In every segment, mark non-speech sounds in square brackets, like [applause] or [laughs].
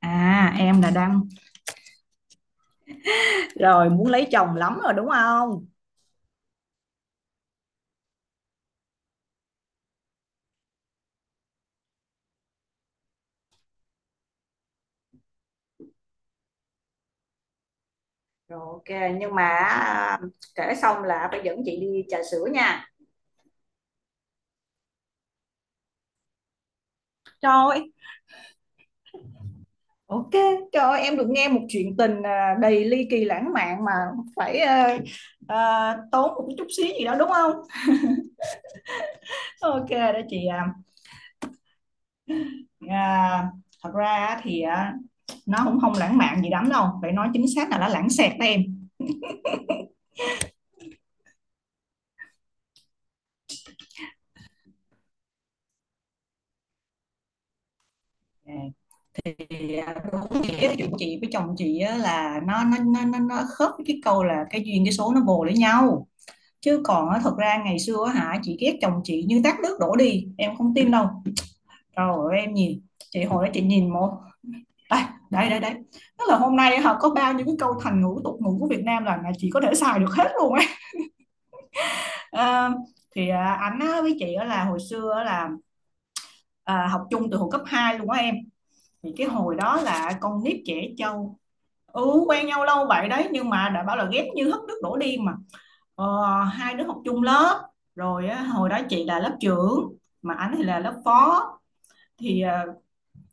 À, em là đang rồi muốn lấy chồng lắm rồi, đúng không? Rồi, ok, nhưng mà kể xong là phải dẫn chị đi trà sữa nha. Trời, ok, trời ơi, em được nghe một chuyện tình đầy ly kỳ lãng mạn mà phải, tốn một chút xíu gì đó, đúng không? Ok, đó chị à, à, thật ra thì nó cũng không lãng mạn gì lắm đâu, phải nói chính xác là nó lãng xẹt đó em. Thì đúng nghĩa cái chuyện chị với chồng chị á, là nó khớp với cái câu là cái duyên cái số nó vồ lấy nhau, chứ còn á, thật ra ngày xưa á chị ghét chồng chị như tát nước đổ đi, em không tin đâu. Rồi em nhìn chị hồi đó chị nhìn một... Đây đây đây đây, tức là hôm nay họ có bao nhiêu cái câu thành ngữ tục ngữ của Việt Nam là chị có thể xài được hết luôn ấy. à, thì ảnh á, với chị á, là hồi xưa á, là học chung từ hồi cấp 2 luôn á em. Thì cái hồi đó là con nít trẻ trâu. Ừ, quen nhau lâu vậy đấy, nhưng mà đã bảo là ghét như hất nước đổ đi mà. Hai đứa học chung lớp, rồi á, hồi đó chị là lớp trưởng, mà anh thì là lớp phó. Thì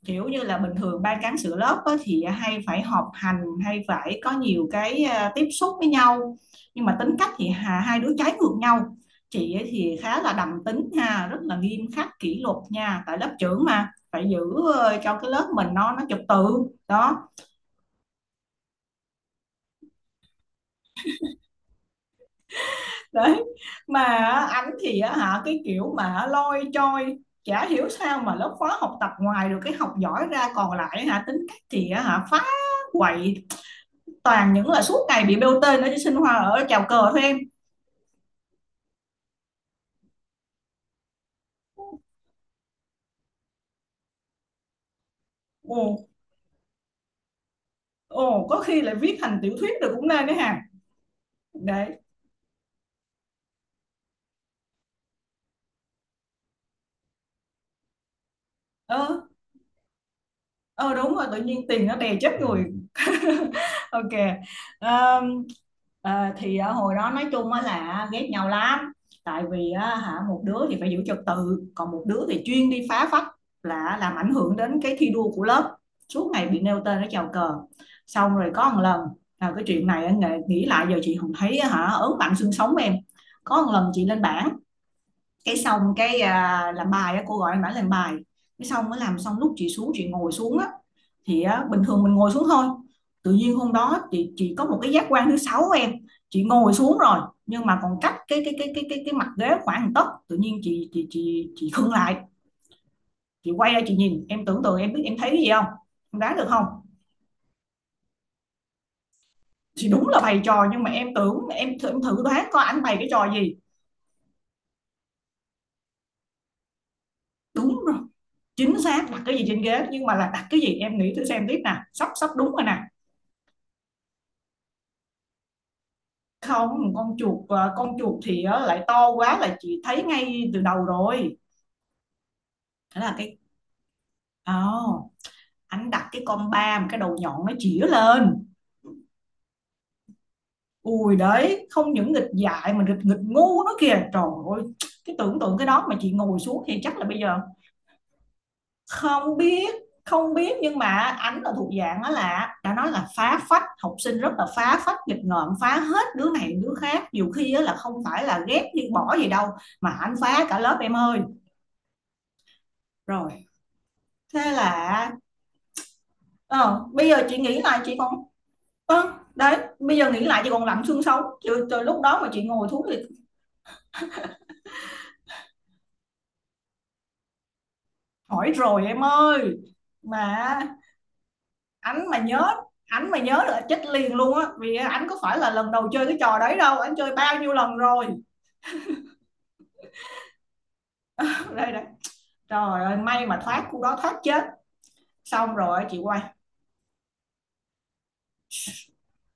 kiểu như là bình thường ban cán sự lớp á, thì hay phải họp hành hay phải có nhiều cái tiếp xúc với nhau. Nhưng mà tính cách thì hai đứa trái ngược nhau. Chị ấy thì khá là đầm tính ha, rất là nghiêm khắc kỷ luật nha, tại lớp trưởng mà phải giữ cho cái lớp mình nó trật tự. Đó. Đấy mà á, ảnh thì á cái kiểu mà lôi trôi, chả hiểu sao mà lớp khóa học tập ngoài được cái học giỏi ra còn lại tính cách thì á phá, quậy, toàn những là suốt ngày bị bêu tên ở trên sinh hoa ở chào cờ thôi em. Ồ, ồ, có khi lại viết thành tiểu thuyết được cũng nên đấy hả. Đấy. ờ ờ Đúng rồi, tự nhiên tiền nó đè chết người. [laughs] Ok. Ờm, ờ, thì hồi đó nói chung á là ghét nhau lắm, tại vì á, một đứa thì phải giữ trật tự, còn một đứa thì chuyên đi phá phách, là làm ảnh hưởng đến cái thi đua của lớp, suốt ngày bị nêu tên ở chào cờ. Xong rồi có một lần, là cái chuyện này á, nghĩ nghĩ lại giờ chị không thấy á, ớn lạnh xương sống em. Có một lần chị lên bảng, cái xong cái làm bài á, cô gọi em bảo làm bài. Cái xong mới làm xong lúc chị xuống chị ngồi xuống á, thì á, bình thường mình ngồi xuống thôi. Tự nhiên hôm đó chị có một cái giác quan thứ sáu của em. Chị ngồi xuống rồi, nhưng mà còn cách cái mặt ghế khoảng 1 tấc, tự nhiên chị khựng lại. Chị quay ra chị nhìn, em tưởng tượng em biết em thấy cái gì không? Em đoán được không? Thì đúng là bày trò, nhưng mà em tưởng em, thử đoán coi ảnh bày cái trò gì. Đúng rồi, chính xác đặt cái gì trên ghế, nhưng mà là đặt cái gì, em nghĩ thử xem tiếp nè, sắp sắp đúng rồi nè. Không, con chuột con chuột thì lại to quá là chị thấy ngay từ đầu rồi. Thế là cái. Oh, anh đặt cái con ba mà cái đầu nhọn nó chĩa lên. Ui đấy, không những nghịch dại mà nghịch nghịch ngu nó kìa, trời ơi! Cái tưởng tượng cái đó mà chị ngồi xuống thì chắc là bây giờ... Không biết, không biết, nhưng mà ảnh là thuộc dạng đó, là đã nói là phá phách, học sinh rất là phá phách nghịch ngợm, phá hết đứa này đứa khác, nhiều khi á là không phải là ghét đi bỏ gì đâu, mà ảnh phá cả lớp em ơi. Rồi, thế là... ờ, Bây giờ chị nghĩ lại chị còn... Đấy, bây giờ nghĩ lại chị còn lạnh xương sống từ lúc đó, mà chị ngồi thuốc thì... Hỏi rồi em ơi, mà anh mà nhớ. Anh mà nhớ là chết liền luôn á, vì anh có phải là lần đầu chơi cái trò đấy đâu, anh chơi bao nhiêu lần rồi. [laughs] Đây đây, trời ơi, may mà thoát cô đó thoát chết. Xong rồi chị quay.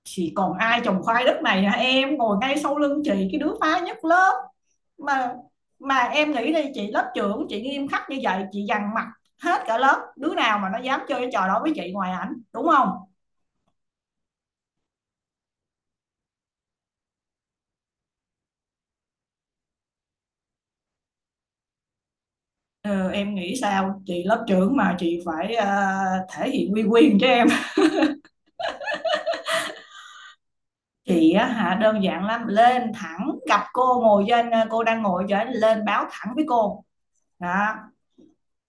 Chị còn ai trồng khoai đất này hả em? Ngồi ngay sau lưng chị, cái đứa phá nhất lớp mà mà em nghĩ đi, chị lớp trưởng chị nghiêm khắc như vậy chị dằn mặt hết cả lớp, đứa nào mà nó dám chơi cái trò đó với chị ngoài ảnh, đúng không? Ờ, em nghĩ sao chị lớp trưởng mà chị phải thể hiện uy quyền cho em. [laughs] Chị á đơn giản lắm, lên thẳng gặp cô ngồi trên, cô đang ngồi trên, lên báo thẳng với cô. Đó.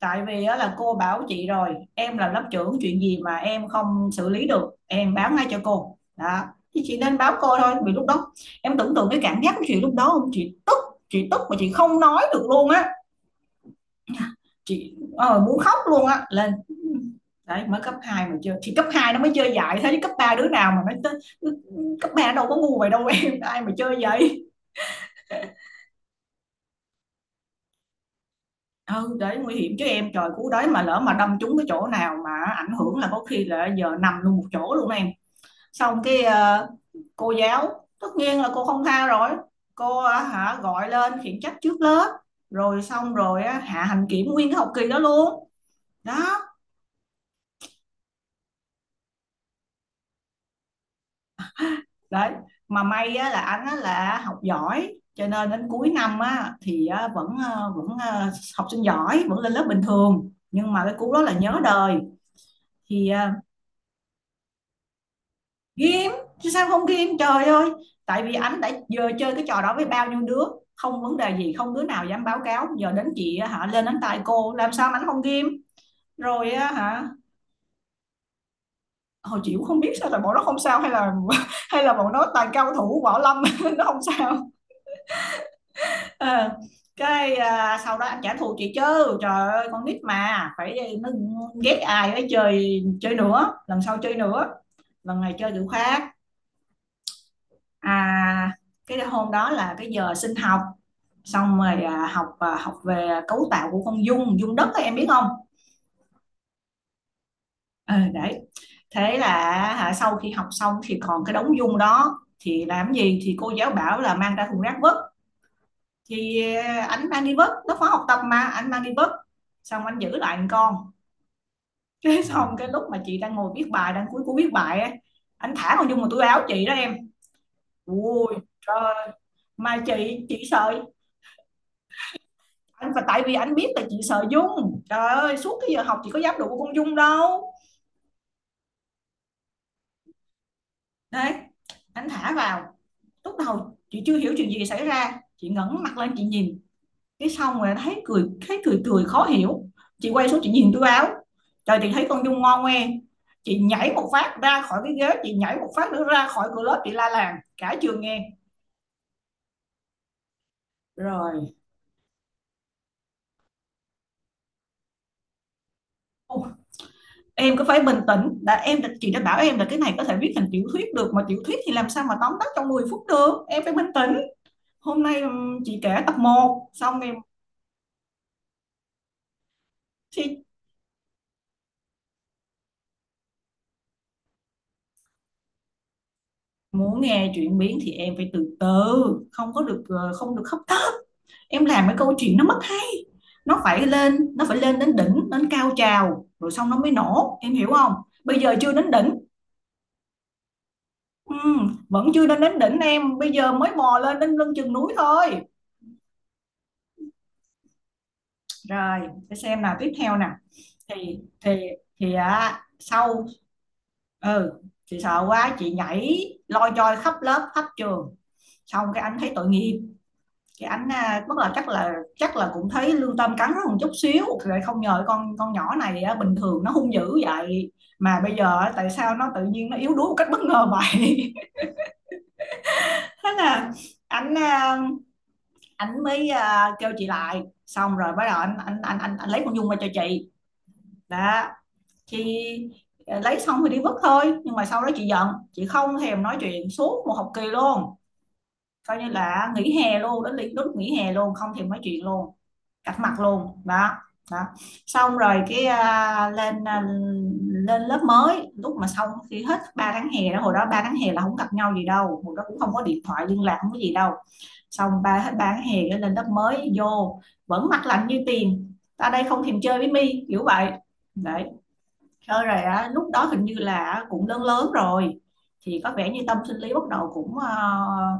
Tại vì á, là cô bảo chị rồi, em là lớp trưởng, chuyện gì mà em không xử lý được em báo ngay cho cô đó. Thì chị nên báo cô thôi, vì lúc đó em tưởng tượng cái cảm giác của chị lúc đó không, chị tức, chị tức mà chị không nói được luôn á, chị muốn khóc luôn á lên. Đấy mới cấp 2 mà chưa, thì cấp 2 nó mới chơi dại thế chứ, cấp 3 đứa nào mà nó... Cấp 3 đâu có ngu vậy đâu, [laughs] em ai mà chơi vậy. Ừ đấy, nguy hiểm chứ em, trời cứu đấy, mà lỡ mà đâm trúng cái chỗ nào mà ảnh hưởng là có khi là giờ nằm luôn một chỗ luôn em. Xong cái cô giáo tất nhiên là cô không tha rồi, cô ờ, hả gọi lên khiển trách trước lớp, rồi xong rồi á, hạ hành kiểm nguyên cái học kỳ đó luôn. Đó. Đấy mà may á, là anh á, là học giỏi cho nên đến cuối năm á, thì á, vẫn học sinh giỏi vẫn lên lớp bình thường, nhưng mà cái cú đó là nhớ đời. Thì ghim chứ sao không ghim, trời ơi, tại vì anh đã giờ chơi cái trò đó với bao nhiêu đứa không vấn đề gì, không đứa nào dám báo cáo, giờ đến chị á lên đánh tay cô, làm sao mà ảnh không ghim. Rồi á hả. Hồi chị cũng không biết sao là bọn nó không sao, hay là [laughs] hay là bọn nó toàn cao thủ võ lâm [laughs] nó không sao. Ờ, cái sau đó anh trả thù chị chứ, trời ơi, con nít mà phải nó ghét ai ấy chơi, chơi nữa, lần sau chơi nữa, lần này chơi kiểu khác. à, cái hôm đó là cái giờ sinh học, xong rồi học về cấu tạo của con dung dung đất ấy, em biết không? Ừ, đấy. Thế là sau khi học xong thì còn cái đống dung đó thì làm gì, thì cô giáo bảo là mang ra thùng rác vứt. Thì ảnh mang đi vứt, nó khóa học tập mà anh mang đi vứt, xong anh giữ lại một con. [laughs] Cái xong cái lúc mà chị đang ngồi viết bài, đang cuối cuối viết bài á, anh thả con dung vào túi áo chị đó em. Ui trời ơi, mà chị sợ. Anh và tại vì anh biết là chị sợ Dung, trời ơi, suốt cái giờ học chị có dám đụng con Dung đâu. Đấy, anh thả vào, lúc đầu chị chưa hiểu chuyện gì xảy ra, chị ngẩng mặt lên chị nhìn, cái xong rồi thấy cười cười khó hiểu, chị quay xuống chị nhìn túi áo, trời, chị thấy con Dung ngon ngoe, chị nhảy một phát ra khỏi cái ghế, chị nhảy một phát nữa ra khỏi cửa lớp, chị la làng cả trường nghe. Rồi, em cứ phải bình tĩnh đã em, chị đã bảo em là cái này có thể viết thành tiểu thuyết được mà, tiểu thuyết thì làm sao mà tóm tắt trong 10 phút được, em phải bình tĩnh. Hôm nay chị kể tập một xong em. Thì muốn nghe chuyển biến thì em phải từ từ, không có được không được hấp tấp. Em làm cái câu chuyện nó mất hấp, nó phải lên đến đỉnh, đến cao trào rồi xong nó mới nổ, em hiểu không? Bây giờ chưa đến đỉnh. Vẫn chưa đến đến đỉnh em, bây giờ mới bò lên đến lưng chừng núi thôi. Rồi, để xem nào tiếp theo nè. Thì thì thì sau... Ừ, chị sợ quá chị nhảy loi choi khắp lớp khắp trường, xong cái anh thấy tội nghiệp, thì anh bắt đầu chắc là cũng thấy lương tâm cắn rất một chút xíu, rồi không ngờ con nhỏ này bình thường nó hung dữ vậy, mà bây giờ tại sao nó tự nhiên nó yếu đuối một cách bất ngờ vậy. [laughs] Thế là anh mới kêu chị lại, xong rồi bắt đầu anh lấy con Dung qua cho chị. Đó. Chị lấy xong thì đi vứt thôi, nhưng mà sau đó chị giận chị không thèm nói chuyện suốt một học kỳ luôn, coi như là nghỉ hè luôn, đến lúc nghỉ hè luôn không thèm nói chuyện luôn. Cạch mặt luôn đó. Đó. Xong rồi cái lên lên lớp mới, lúc mà xong khi hết 3 tháng hè đó, hồi đó 3 tháng hè là không gặp nhau gì đâu, hồi đó cũng không có điện thoại liên lạc, không có gì đâu. Xong ba hết 3 tháng hè cái lên lớp mới vô, vẫn mặt lạnh như tiền ta đây không thèm chơi với mi kiểu vậy. Đấy. Chơi rồi á, lúc đó hình như là cũng lớn lớn rồi, thì có vẻ như tâm sinh lý bắt đầu cũng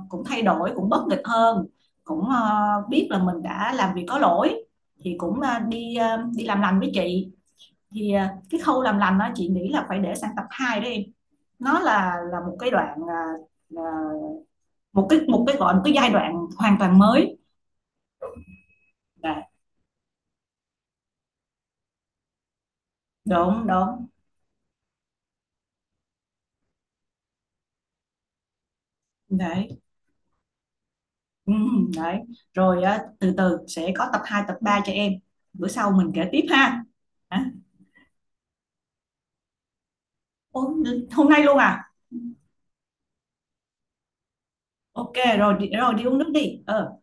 cũng thay đổi, cũng bất nghịch hơn, cũng biết là mình đã làm việc có lỗi, thì cũng đi làm lành với chị. Thì cái khâu làm lành đó chị nghĩ là phải để sang tập 2 đó em. Nó là một cái đoạn ờ, một cái giai đoạn hoàn toàn mới. Dạ. Đúng đúng. Đấy. Ừ, đấy rồi á, từ từ sẽ có tập 2 tập 3 cho em, bữa sau mình kể tiếp ha. Hả? Ủa, hôm nay luôn à? Ok, rồi đi uống nước đi